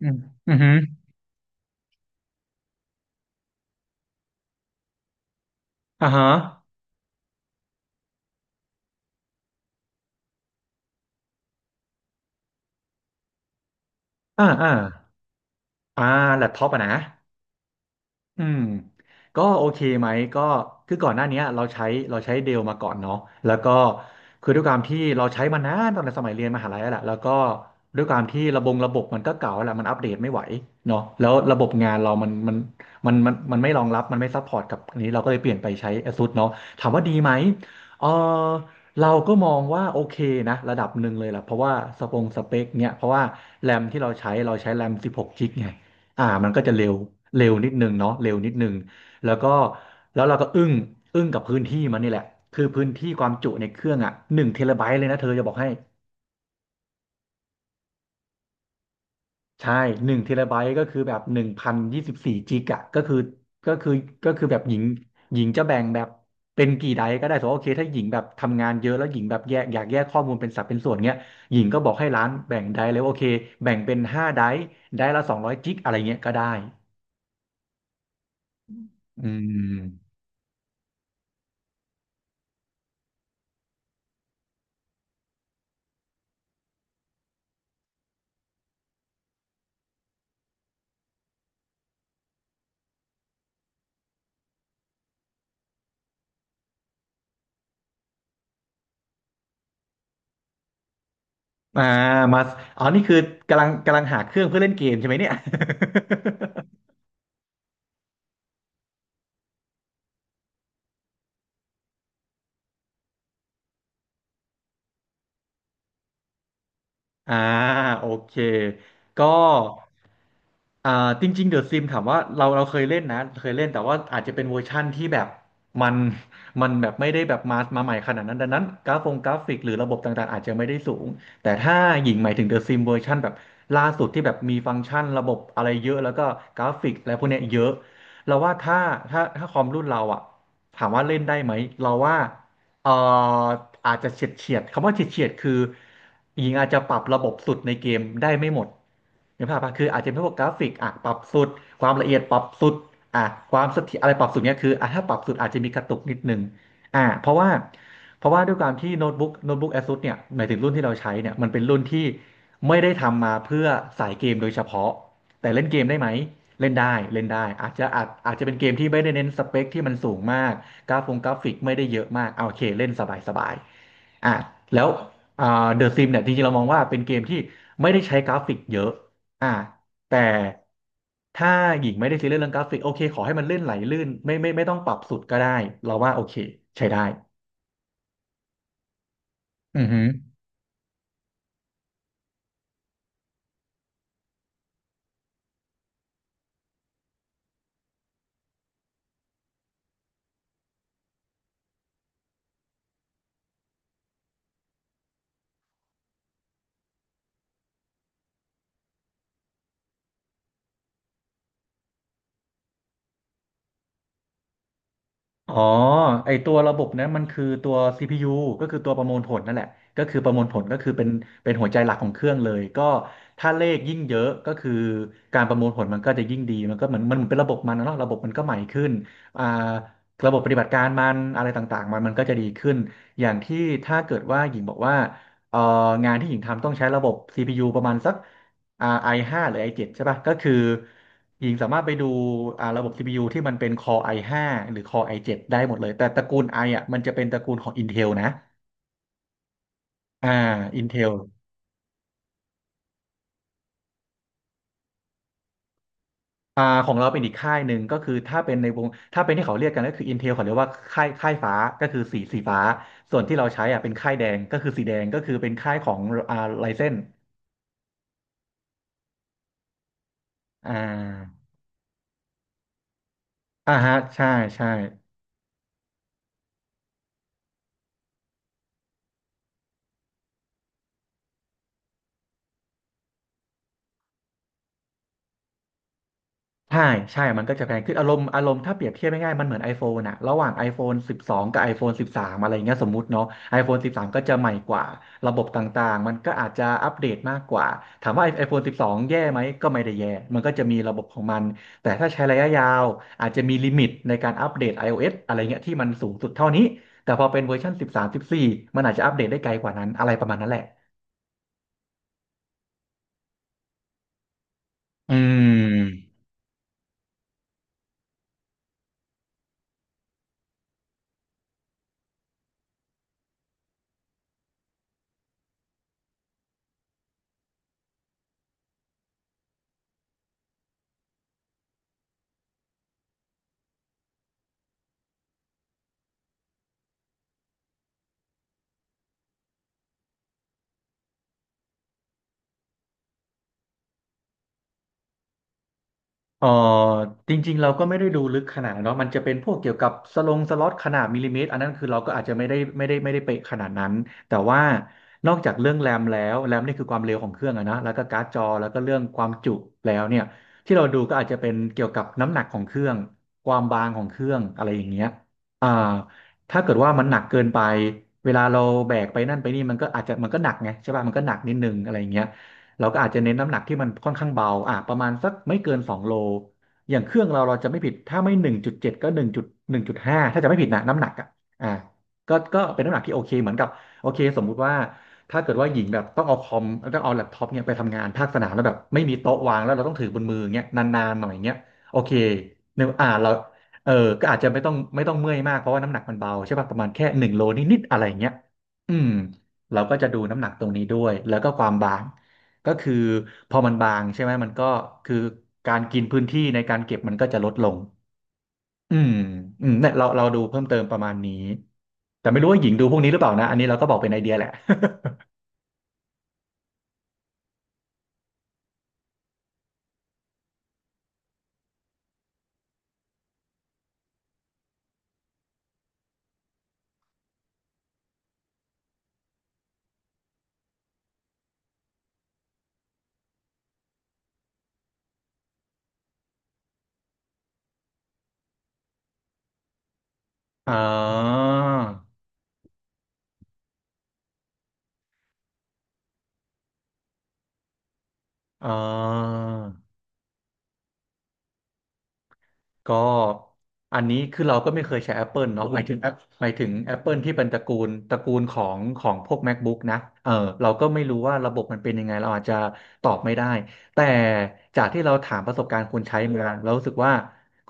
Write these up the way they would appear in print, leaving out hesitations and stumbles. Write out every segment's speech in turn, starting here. อืม อือฮึออ่าฮะอ่าอ่าอ่าแล็ปท็อปอะนะ อืมก็โอเคไหมก็คือก่อนหน้าเนี้ยเราใช้เดลมาก่อนเนาะแล้วก็คือด้วยความที่เราใช้มานานตอนสมัยเรียนมหาลัยแล้วแหละแล้วก็ด้วยความที่ระบบมันก็เก่าแล้วแหละมันอัปเดตไม่ไหวเนาะแล้วระบบงานเรามันไม่รองรับมันไม่ซัพพอร์ตกับอันนี้เราก็เลยเปลี่ยนไปใช้ ASUS เนาะถามว่าดีไหมเออเราก็มองว่าโอเคนะระดับหนึ่งเลยแหละเพราะว่าสเปคเนี่ยเพราะว่าแรมที่เราใช้เราใช้แรม16กกิกะไง มันก็จะเร็วเร็วนิดนึงเนาะเร็วนิดนึงแล้วก็แล้วเราก็อึ้งอึ้งกับพื้นที่มันนี่แหละคือพื้นที่ความจุในเครื่องอ่ะหนึ่งเทราไบต์เลยนะเธอจะบอกให้ใช่หนึ่งเทราไบต์ก็คือแบบหนึ่งพันยี่สิบสี่จิกอะก็คือก็คือแบบหญิงจะแบ่งแบบเป็นกี่ไดก็ได้สมมติว่าโอเคถ้าหญิงแบบทำงานเยอะแล้วหญิงแบบแยกอยากแยกข้อมูลเป็นสัดเป็นส่วนเงี้ยหญิงก็บอกให้ร้านแบ่งไดเลยว่าโอเคแบ่งเป็นห้าไดไดละสองร้อยจิกอะไรเงี้ยก็ได้อืม อ่ามาอ๋อนี่คือกำลังหาเครื่องเพื่อเล่นเกมใช่ไหมเนี่ย อ่าโอเคก็อ่าจริงๆเดอะซิมถามว่าเราเคยเล่นนะเคยเล่นแต่ว่าอาจจะเป็นเวอร์ชั่นที่แบบมันแบบไม่ได้แบบมาใหม่ขนาดนั้นดังนั้นกราฟิกหรือระบบต่างๆอาจจะไม่ได้สูงแต่ถ้าหญิงหมายถึงเดอะซิมเวอร์ชันแบบล่าสุดที่แบบมีฟังก์ชันระบบอะไรเยอะแล้วก็กราฟิกอะไรพวกเนี้ยเยอะเราว่าถ้าคอมรุ่นเราอะถามว่าเล่นได้ไหมเราว่า เอ่ออาจจะเฉียดเฉียดคำว่าเฉียดเฉียดคือหญิงอาจจะปรับระบบสุดในเกมได้ไม่หมดเห็นภาพปะคืออาจจะเป็นพวกกราฟิกอ่ะปรับสุดความละเอียดปรับสุดอ่ะความเสถียรอะไรปรับสุดเนี่ยคืออ่ะถ้าปรับสุดอาจจะมีกระตุกนิดนึงอ่ะเพราะว่าเพราะว่าด้วยความที่โน้ตบุ๊ก ASUS เนี่ยหมายถึงรุ่นที่เราใช้เนี่ยมันเป็นรุ่นที่ไม่ได้ทำมาเพื่อสายเกมโดยเฉพาะแต่เล่นเกมได้ไหมเล่นได้เล่นได้อาจจะเป็นเกมที่ไม่ได้เน้นสเปคที่มันสูงมาก กราฟงกราฟิกไม่ได้เยอะมากเอาโอเคเล่นสบายสบายอ่ะแล้วอ่าเดอะซิมเนี่ยจริงๆเรามองว่าเป็นเกมที่ไม่ได้ใช้กราฟิกเยอะอ่าแต่ถ้าหญิงไม่ได้ซีเรียสเรื่องกราฟิกโอเคขอให้มันเลื่อนไหลลื่นไม่ต้องปรับสุดก็ได้เราว่าโอเคใช้ได้อือฮึ อ๋อไอตัวระบบนั้นมันคือตัว CPU ก็คือตัวประมวลผลนั่นแหละก็คือประมวลผลก็คือเป็นหัวใจหลักของเครื่องเลยก็ถ้าเลขยิ่งเยอะก็คือการประมวลผลมันก็จะยิ่งดีมันก็เหมือนมันเหมือนเป็นระบบนะเนาะระบบมันก็ใหม่ขึ้นอ่าระบบปฏิบัติการมันอะไรต่างๆมันก็จะดีขึ้นอย่างที่ถ้าเกิดว่าหญิงบอกว่าเอ่องานที่หญิงทำต้องใช้ระบบ CPU ประมาณสักอ่า i5 หาหรือไอเจ็ดใช่ป่ะก็คือ หญิงสามารถไปดูอ่าระบบ CPU ที่มันเป็น Core i5 หาหรือ Core i7 ได้หมดเลยแต่ตระกูล i ออ่ะมันจะเป็นตระกูลของ Intel นะอ่า Intel อ่าของเราเป็นอีกค่ายหนึ่งก็คือถ้าเป็นในวงถ้าเป็นที่เขาเรียกกันก็คือ Intel เขาเรียกว่าค่ายฟ้าก็คือสีฟ้าส่วนที่เราใช้อ่ะเป็นค่ายแดงก็คือสีแดงก็คือเป็นค่ายของอ่า Ryzen อ่าอ่าฮะใช่ใช่ ใช่ใช่มันก็จะแพงขึ้นอารมณ์ถ้าเปรียบเทียบง่ายๆมันเหมือน iPhone อะระหว่าง iPhone 12 กับ iPhone 13 อะไรเงี้ยสมมุติเนาะ iPhone 13 ก็จะใหม่กว่าระบบต่างๆมันก็อาจจะอัปเดตมากกว่าถามว่า iPhone 12 แย่ไหมก็ไม่ได้แย่มันก็จะมีระบบของมันแต่ถ้าใช้ระยะยาวอาจจะมีลิมิตในการอัปเดต iOS อะไรเงี้ยที่มันสูงสุดเท่านี้แต่พอเป็นเวอร์ชัน13 14มสิบสี่มันอาจจะอัปเดตได้ไกลกว่านั้นอะไรประมาณนั้นแหละอืม เออจริงๆเราก็ไม่ได้ดูลึกขนาดนั้นเนาะมันจะเป็นพวกเกี่ยวกับสลงสล็อตขนาดมิลลิเมตรอันนั้นคือเราก็อาจจะไม่ได้เป๊ะขนาดนั้นแต่ว่านอกจากเรื่องแรมแล้วแรมนี่คือความเร็วของเครื่องอะนะแล้วก็การ์ดจอแล้วก็เรื่องความจุแล้วเนี่ยที่เราดูก็อาจจะเป็นเกี่ยวกับน้ำหนักของเครื่องความบางของเครื่องอะไรอย่างเงี้ยอ่าถ้าเกิดว่ามันหนักเกินไปเวลาเราแบกไปนั่นไปนี่มันก็อาจจะมันก็หนักไงใช่ป่ะมันก็หนักนิดนึงอะไรอย่างเงี้ย เราก็อาจจะเน้นน้ำหนักที่มันค่อนข้างเบาอ่ะประมาณสักไม่เกิน2 โลอย่างเครื่องเราเราจะไม่ผิดถ้าไม่1.7ก็หนึ่งจุด1.5ถ้าจะไม่ผิดนะน้ำหนักอ่ะอ่ะก็เป็นน้ำหนักที่โอเคเหมือนกับโอเคสมมุติว่าถ้าเกิดว่าหญิงแบบต้องเอาคอมต้องเอาแล็ปท็อปเนี่ยไปทำงานภาคสนามแล้วแบบไม่มีโต๊ะวางแล้วเราต้องถือบนมืออย่างเงี้ยนานๆหน่อยเงี้ยโอเคเนอะเราเออก็อาจจะไม่ต้องเมื่อยมากเพราะว่าน้ำหนักมันเบาใช่ป่ะประมาณแค่1 โลนิดๆอะไรอย่างเงี้ยอืมเราก็จะดูน้ำหนักตรงนี้ด้วยแล้วก็ความบาง ก็คือพอมันบางใช่ไหมมันก็คือการกินพื้นที่ในการเก็บมันก็จะลดลงอืมอืมเนี่ยเราดูเพิ่มเติมประมาณนี้แต่ไม่รู้ว่าหญิงดูพวกนี้หรือเปล่านะอันนี้เราก็บอกเป็นไอเดียแหละ อ๋ออ๋อ ก็อันนี้คือเราก็ไม่เคยใช้ Apple เนาะหมายถึง Apple ที่เป็นตระกูลของของพวก MacBook นะเออเราก็ไม่รู้ว่าระบบมันเป็นยังไงเราอาจจะตอบไม่ได้แต่จากที่เราถามประสบการณ์คนใช้มาเรารู้สึกว่า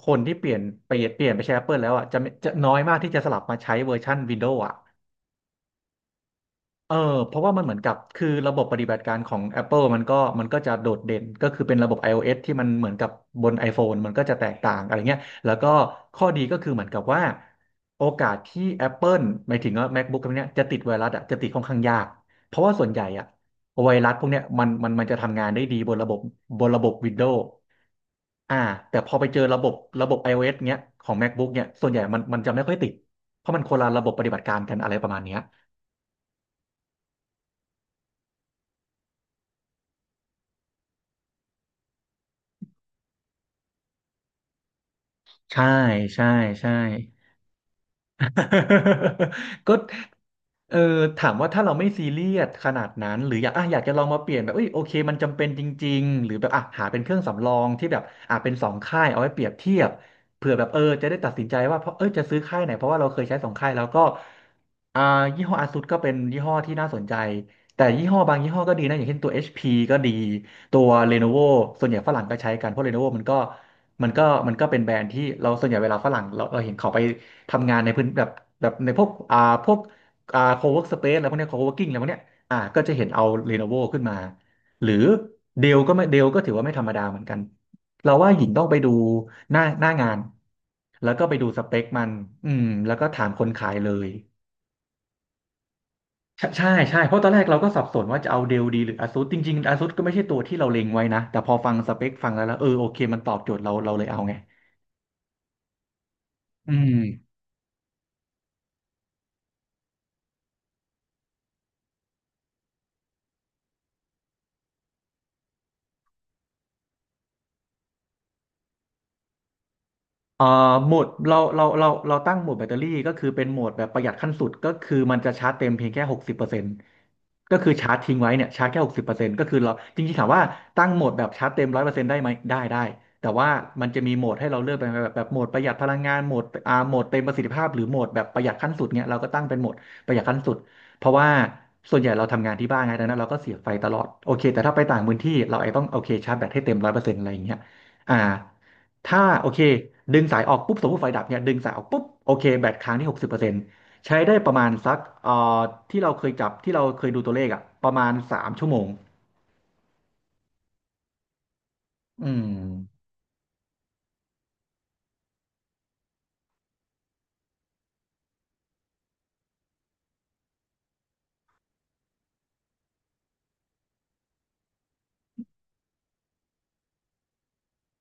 คนที่เปลี่ยนไปใช้ Apple แล้วอ่ะจะน้อยมากที่จะสลับมาใช้เวอร์ชัน Windows อ่ะ เออเพราะว่ามันเหมือนกับคือระบบปฏิบัติการของ Apple มันก็จะโดดเด่นก็คือเป็นระบบ iOS ที่มันเหมือนกับบน iPhone มันก็จะแตกต่างอะไรเงี้ยแล้วก็ข้อดีก็คือเหมือนกับว่าโอกาสที่ Apple หมายถึงว่า MacBook พวกเนี้ยจะติดไวรัสอ่ะจะติดค่อนข้างยากเพราะว่าส่วนใหญ่อ่ะไวรัสพวกเนี้ยมันจะทำงานได้ดีบนระบบWindows อ่าแต่พอไปเจอระบบiOS เงี้ยของ MacBook เนี่ยส่วนใหญ่มันจะไม่ค่อยติดเพราะมันคนละระบบปฏิบัติการกันอะไรประมาณเนี้ย ใช่ ใช่ ใช่ ก็เออถามว่าถ้าเราไม่ซีเรียสขนาดนั้นหรืออยากอ่ะอยากจะลองมาเปลี่ยนแบบเอ้ยโอเคมันจำเป็นจริงๆหรือแบบอ่ะหาเป็นเครื่องสำรองที่แบบอ่ะเป็นสองค่ายเอาไว้เปรียบเทียบเผื่อแบบเออจะได้ตัดสินใจว่าเพราะเออจะซื้อค่ายไหนเพราะว่าเราเคยใช้สองค่ายแล้วก็อ่ายี่ห้ออ s u s ก็เป็นยี่ห้อที่น่าสนใจแต่ยี่ห้อบางยี่ห้อก็ดีนะอย่างเช่นตัว HP ก็ดีตัว Lenovo ส่วนใหญ่ฝรั่งก็ใช้กันเพราะ Lenovo มันก็มันก็เป็นแบรนด์ที่เราส่วนใหญ่เวลาฝรั่งเราเห็นเขาไป ทำงานในพื้นแบบแบบในพวกพวกโคเวิร์กสเปซอะไรพวกเนี้โคเวิร์กิ้งอะไรพวกเนี้ยก็จะเห็นเอาเ e โน v o ขึ้นมาหรือเดลก็ถือว่าไม่ธรรมดาเหมือนกันเราว่าหญิงต้องไปดูหน้างานแล้วก็ไปดูสเปคมันอืมแล้วก็ถามคนขายเลยใช่ใช่ใช่เพราะตอนแรกเราก็สับสนว่าจะเอาเดลดีหรืออาซูสจริงๆอาซูสก็ไม่ใช่ตัวที่เราเล็งไว้นะแต่พอฟังสเปคฟังแล้วแล้วเออโอเคมันตอบโจทย์เราเราเลยเอาไงอืม เอ่อโหมดเราตั้งโหมดแบตเตอรี่ก็คือเป็นโหมดแบบประหยัดขั้นสุดก็คือมันจะชาร์จเต็มเพียงแค่หกสิบเปอร์เซ็นต์ก็คือชาร์จทิ้งไว้เนี่ยชาร์จแค่หกสิบเปอร์เซ็นต์ก็คือเราจริงๆถามว่าตั้งโหมดแบบชาร์จเต็มร้อยเปอร์เซ็นต์ได้ไหมได้ได้แต่ว่ามันจะมีโหมดให้เราเลือกเป็นแบบโหมดประหยัดพลังงานโหมดโหมดเต็มประสิทธิภาพหรือโหมดแบบประหยัดขั้นสุดเนี่ยเราก็ตั้งเป็นโหมดประหยัดขั้นสุดเพราะว่าส่วนใหญ่เราทำงานที่บ้านไงดังนั้นเราก็เสียบไฟตลอดโอเคแต่ถ้าไปต่างพื้นที่เราไอ้ต้องโอเคชาร์จแบตให้เต็มร้อยเปอร์เซ็นต์อะไรอย่างเงี้ยอ่า ถ้าโอเคดึงสายออกปุ๊บสมมติไฟดับเนี่ยดึงสายออกปุ๊บโอเคแบตค้างที่หกสิบเปอร์เซ็นต์ใช้ได้ประมาณสักที่เราเคยจับที่เราเคยดูตัวเลขอะประมาณ3 ชั่วโมงอืม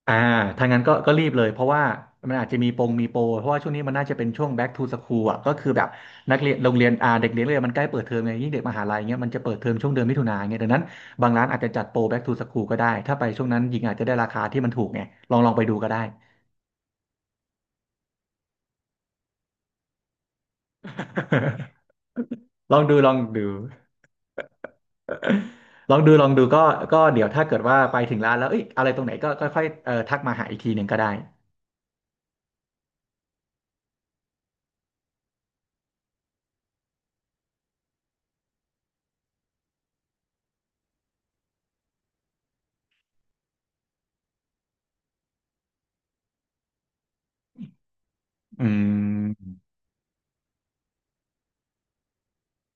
อ่าถ้างั้นก็รีบเลยเพราะว่ามันอาจจะมีโปรเพราะว่าช่วงนี้มันน่าจะเป็นช่วง back to school อ่ะก็คือแบบนักเรียนโรงเรียนเด็กเรียนเลยนมันใกล้เปิดเทอมไงยิ่งเด็กมหาลัยเงี้ยมันจะเปิดเทอมช่วงเดือนมิถุนายนเงี้ยดังนั้นบางร้านอาจจะจัดโปร back to school ก็ได้ถ้าไปช่วงนั้นหญิงอาจจะได้ราคาที่มันถูกไงลองไปดูก็ได้ ลองดูลองดู ลองดูลองดูก็เดี๋ยวถ้าเกิดว่าไปถึงร้านแล้วเอ้ยอะไรตรงไหนก็ค่อยๆทักมาหาอีกทีหนึ่งก็ได้อืม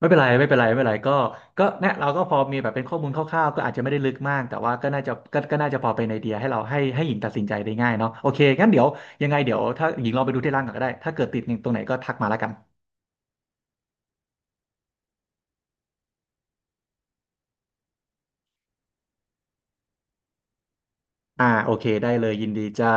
ไม่เป็นไรไม่เป็นไรไม่เป็นไรก็เนี่ยเราก็พอมีแบบเป็นข้อมูลคร่าวๆก็อาจจะไม่ได้ลึกมากแต่ว่าก็น่าจะพอเป็นไอเดียให้เราให้ให้หญิงตัดสินใจได้ง่ายเนาะโอเคงั้นเดี๋ยวยังไงเดี๋ยวถ้าหญิงลองไปดูที่ร้านก่อนก็ได้ถ้าเกิดติดหนึ่งตรงไหนก็ทักมาแล้วกันโอเคได้เลยยินดีจ้า